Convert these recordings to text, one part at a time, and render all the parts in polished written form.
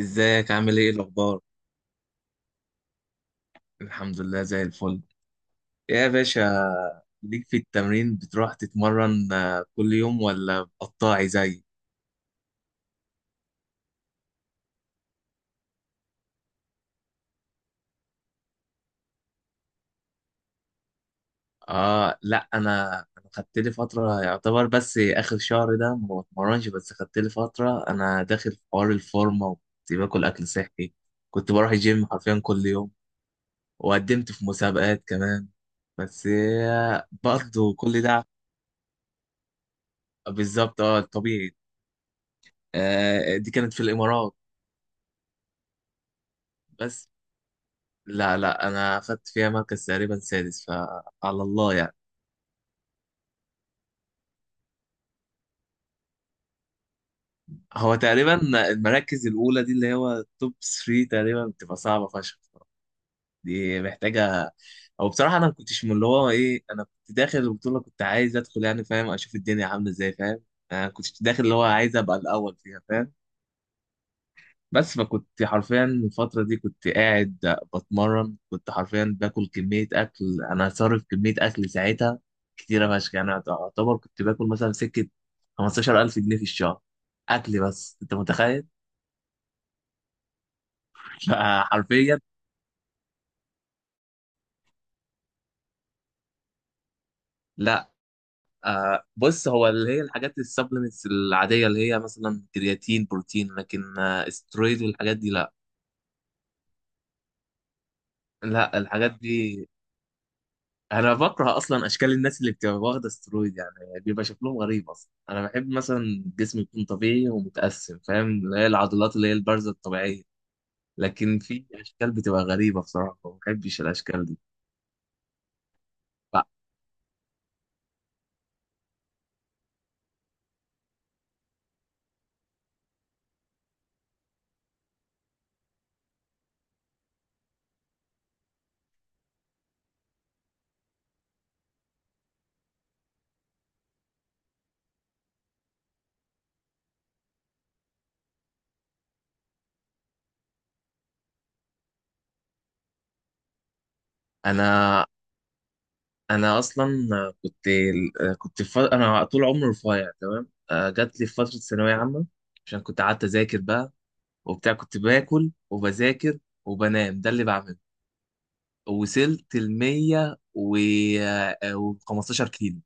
ازيك عامل ايه الاخبار؟ الحمد لله زي الفل يا باشا. ليك في التمرين بتروح تتمرن، كل يوم ولا قطاعي زي. اه لا، انا خدت لي فتره يعتبر، بس اخر شهر ده ما بتمرنش، بس خدت لي فتره انا داخل في حوار الفورمه، وكنت باكل اكل صحي. كنت بروح الجيم حرفيا كل يوم، وقدمت في مسابقات كمان، بس برضه كل ده. بالظبط، اه الطبيعي. آه دي كانت في الامارات. بس لا لا، انا اخدت فيها مركز تقريبا سادس، فعلى الله يعني. هو تقريبا المراكز الاولى دي اللي هو توب 3 تقريبا بتبقى صعبه فشخ. دي محتاجه. او بصراحه انا ما كنتش من اللي هو ايه، انا كنت داخل البطوله كنت عايز ادخل، يعني فاهم، اشوف الدنيا عامله ازاي، فاهم. انا كنت داخل اللي هو عايز ابقى الاول فيها، فاهم. بس فكنت حرفيا الفترة دي كنت قاعد بتمرن، كنت حرفيا باكل كمية أكل. أنا صارف كمية أكل ساعتها كتيرة فشخ. يعني أعتبر كنت باكل مثلا سكة 15000 جنيه في الشهر أكل، بس أنت متخيل؟ فحرفيا لا، بص، هو اللي هي الحاجات السبلمنتس العادية اللي هي مثلا كرياتين، بروتين، لكن استرويد والحاجات دي لا. لا الحاجات دي انا بكره اصلا اشكال الناس اللي بتبقى واخده استرويد، يعني بيبقى شكلهم غريب اصلا. انا بحب مثلا جسمي يكون طبيعي ومتقسم، فاهم، اللي هي العضلات اللي هي البارزه الطبيعيه. لكن في اشكال بتبقى غريبه بصراحه، ما بحبش الاشكال دي. ف- انا انا اصلا كنت انا طول عمري رفيع تمام. جات لي في فتره ثانويه عامه، عشان كنت قعدت اذاكر بقى وبتاع، كنت باكل وبذاكر وبنام، ده اللي بعمله. وصلت ال 100 و 15 كيلو،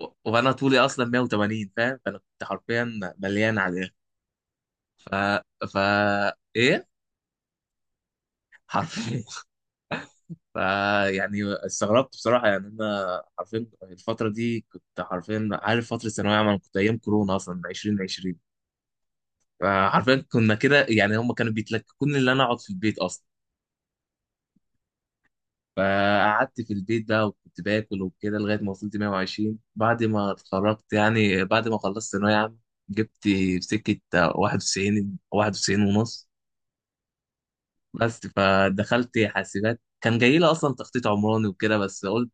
وانا طولي اصلا 180، فاهم، فانا كنت حرفيا مليان على الاخر. ف ف ايه حرفيا. ف يعني استغربت بصراحه، يعني انا حرفيا الفتره دي كنت حرفيا، عارف، فتره ثانويه عامه، أنا كنت ايام كورونا اصلا 2020. فحرفيا كنا كده، يعني هم كانوا بيتلككوني ان انا اقعد في البيت اصلا. فقعدت في البيت بقى وكنت باكل وكده لغايه ما وصلت 120. بعد ما اتخرجت، يعني بعد ما خلصت ثانويه عامه، جبت في سكه 91، 91 ونص. بس فدخلت حاسبات، كان جاي لي اصلا تخطيط عمراني وكده، بس قلت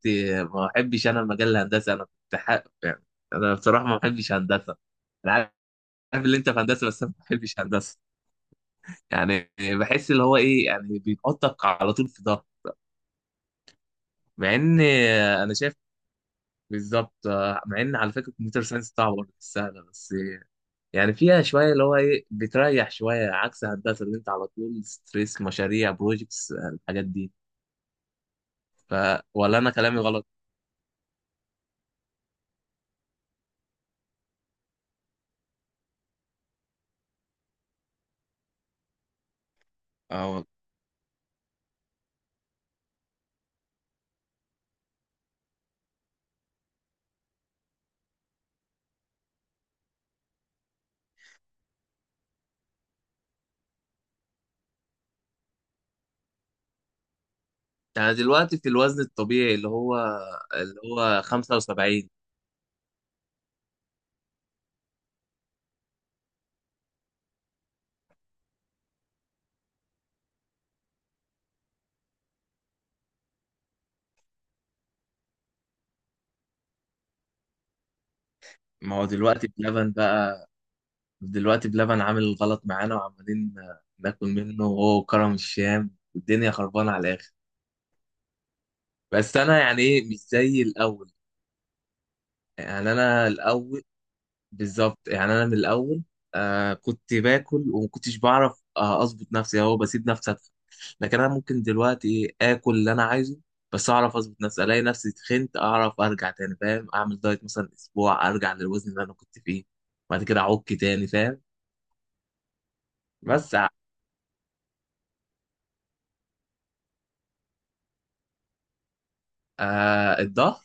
ما احبش انا المجال الهندسي، انا كنت حق يعني. انا بصراحه ما بحبش هندسه. انا عارف اللي انت في هندسه، بس انا ما بحبش هندسه يعني. بحس اللي هو ايه، يعني بينقطك على طول في ده. مع ان انا شايف بالظبط. مع ان على فكره الكمبيوتر ساينس صعبه برضه، مش سهله، بس يعني فيها شويه اللي هو ايه بتريح شويه عكس هندسه، اللي انت على طول ستريس، مشاريع، بروجكتس، الحاجات دي. ف ولا انا كلامي غلط؟ اه والله. يعني دلوقتي في الوزن الطبيعي اللي هو اللي هو 75. ما هو دلوقتي بلبن بقى، دلوقتي بلبن عامل غلط معانا، وعمالين ناكل منه، وهو كرم الشام والدنيا خربانة على الآخر. بس أنا يعني إيه، مش زي الأول. يعني أنا الأول بالظبط، يعني انا من الاول، آه كنت باكل وما كنتش بعرف اظبط نفسي، هو بسيب نفسي أدخل. لكن انا ممكن دلوقتي اكل اللي انا عايزه، بس اعرف اظبط نفسي. الاقي نفسي تخنت اعرف ارجع تاني، فاهم، اعمل دايت مثلا اسبوع ارجع للوزن اللي انا كنت فيه، بعد كده اعك تاني، فاهم. بس الضغط،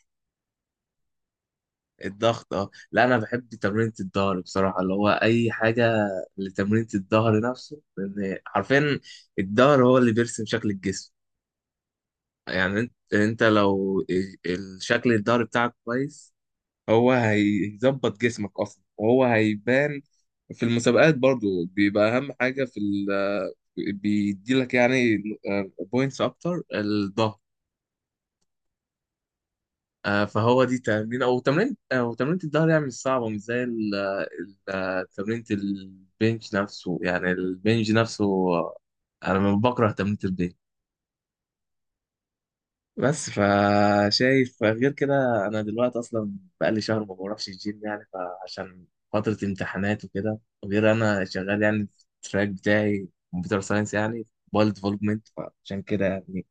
الضغط اه. لا انا بحب تمرينة الظهر بصراحة، اللي هو اي حاجة لتمرينة الظهر نفسه، لان حرفيا الظهر هو اللي بيرسم شكل الجسم. يعني انت لو الشكل الظهري بتاعك كويس، هو هيظبط جسمك اصلا وهو هيبان. في المسابقات برضو بيبقى اهم حاجة في ال... بيدي لك يعني بوينتس اكتر، الظهر. فهو دي تمرين الظهر، يعني مش صعبة، مش زي ال... ال... تمرين البنج نفسه، يعني البنج نفسه آه، انا بكره تمرين البنج بس. فشايف غير كده. انا دلوقتي اصلا بقالي شهر ما بروحش الجيم يعني، فعشان فترة امتحانات وكده، وغير انا شغال يعني في التراك بتاعي كمبيوتر ساينس، يعني موبايل ديفلوبمنت، فعشان كده يعني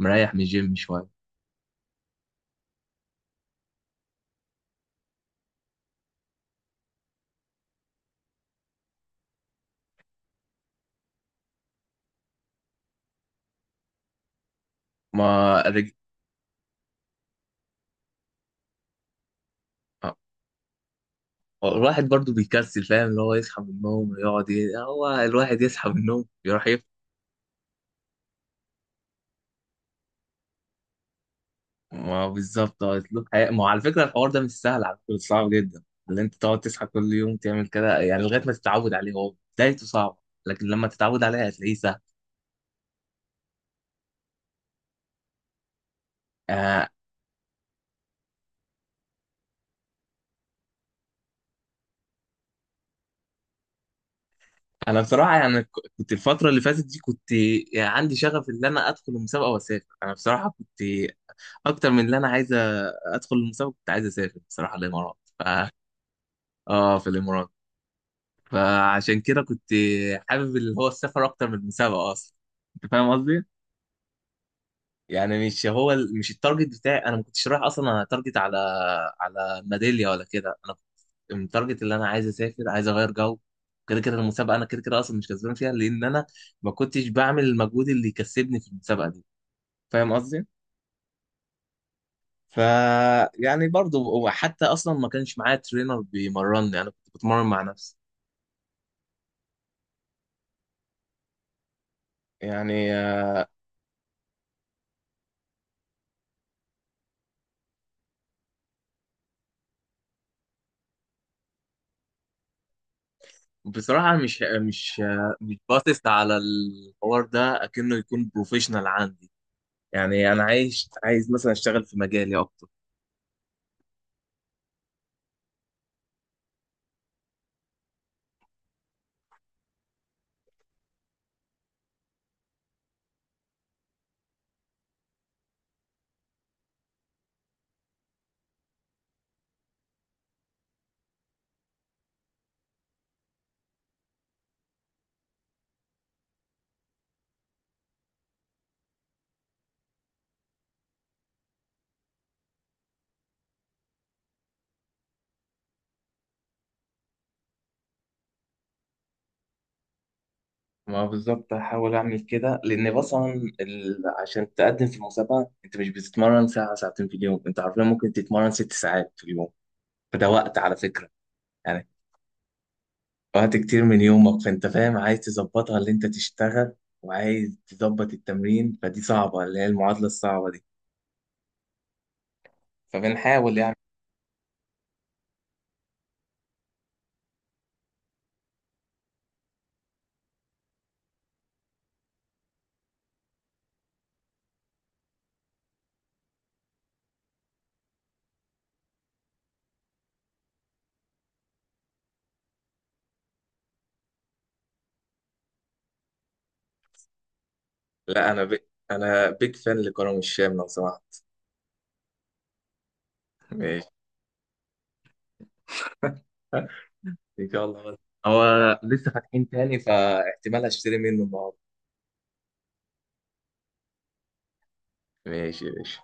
مريح من الجيم شوية. ما رج... آه، الواحد برضو بيكسل، فاهم، اللي هو يصحى من النوم ويقعد هو الواحد يصحى من النوم يروح. ما هو بالظبط هو اسلوب حياه. ما هو على فكره الحوار ده مش سهل على فكره، صعب جدا. اللي انت تقعد تصحى كل يوم تعمل كده، يعني لغايه ما تتعود عليه هو بدايته صعبه، لكن لما تتعود عليه هتلاقيه سهل. آه انا بصراحه يعني كنت الفتره اللي فاتت دي كنت، يعني عندي شغف ان انا ادخل المسابقه واسافر. انا بصراحه كنت اكتر من اللي انا عايز ادخل المسابقه، كنت عايز اسافر بصراحه الامارات اه في الامارات. فعشان كده كنت حابب اللي هو السفر اكتر من المسابقه اصلا، انت فاهم قصدي؟ يعني مش هو ال- مش التارجت بتاعي، انا ما كنتش رايح اصلا اتارجت على على ميداليه ولا كده. انا كنت التارجت اللي انا عايز اسافر، عايز اغير جو. كده كده المسابقه انا كده كده اصلا مش كسبان فيها، لان انا ما كنتش بعمل المجهود اللي يكسبني في المسابقه دي، فاهم قصدي. ف يعني برضه، وحتى اصلا ما كانش معايا ترينر بيمرني، انا كنت بتمرن مع نفسي يعني. بصراحه مش باصص على الحوار ده اكنه يكون بروفيشنال عندي يعني. انا عايز مثلا اشتغل في مجالي اكتر. ما بالظبط هحاول اعمل كده، لان مثلا ال... عشان تقدم في المسابقه انت مش بتتمرن ساعه ساعتين في اليوم، انت عارفين ممكن تتمرن 6 ساعات في اليوم. فده وقت على فكره يعني، وقت كتير من يومك. فانت فاهم عايز تظبطها اللي انت تشتغل، وعايز تظبط التمرين، فدي صعبه، اللي هي المعادله الصعبه دي. فبنحاول يعني. لا انا انا بيج فان لكرم الشام لو سمحت. ماشي، ان شاء الله. بس هو لسه فاتحين تاني، فاحتمال اشتري منه النهارده. ماشي يا باشا،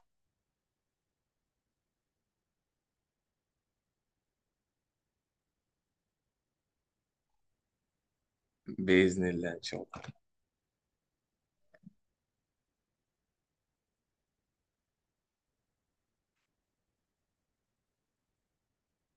باذن الله ان شاء الله.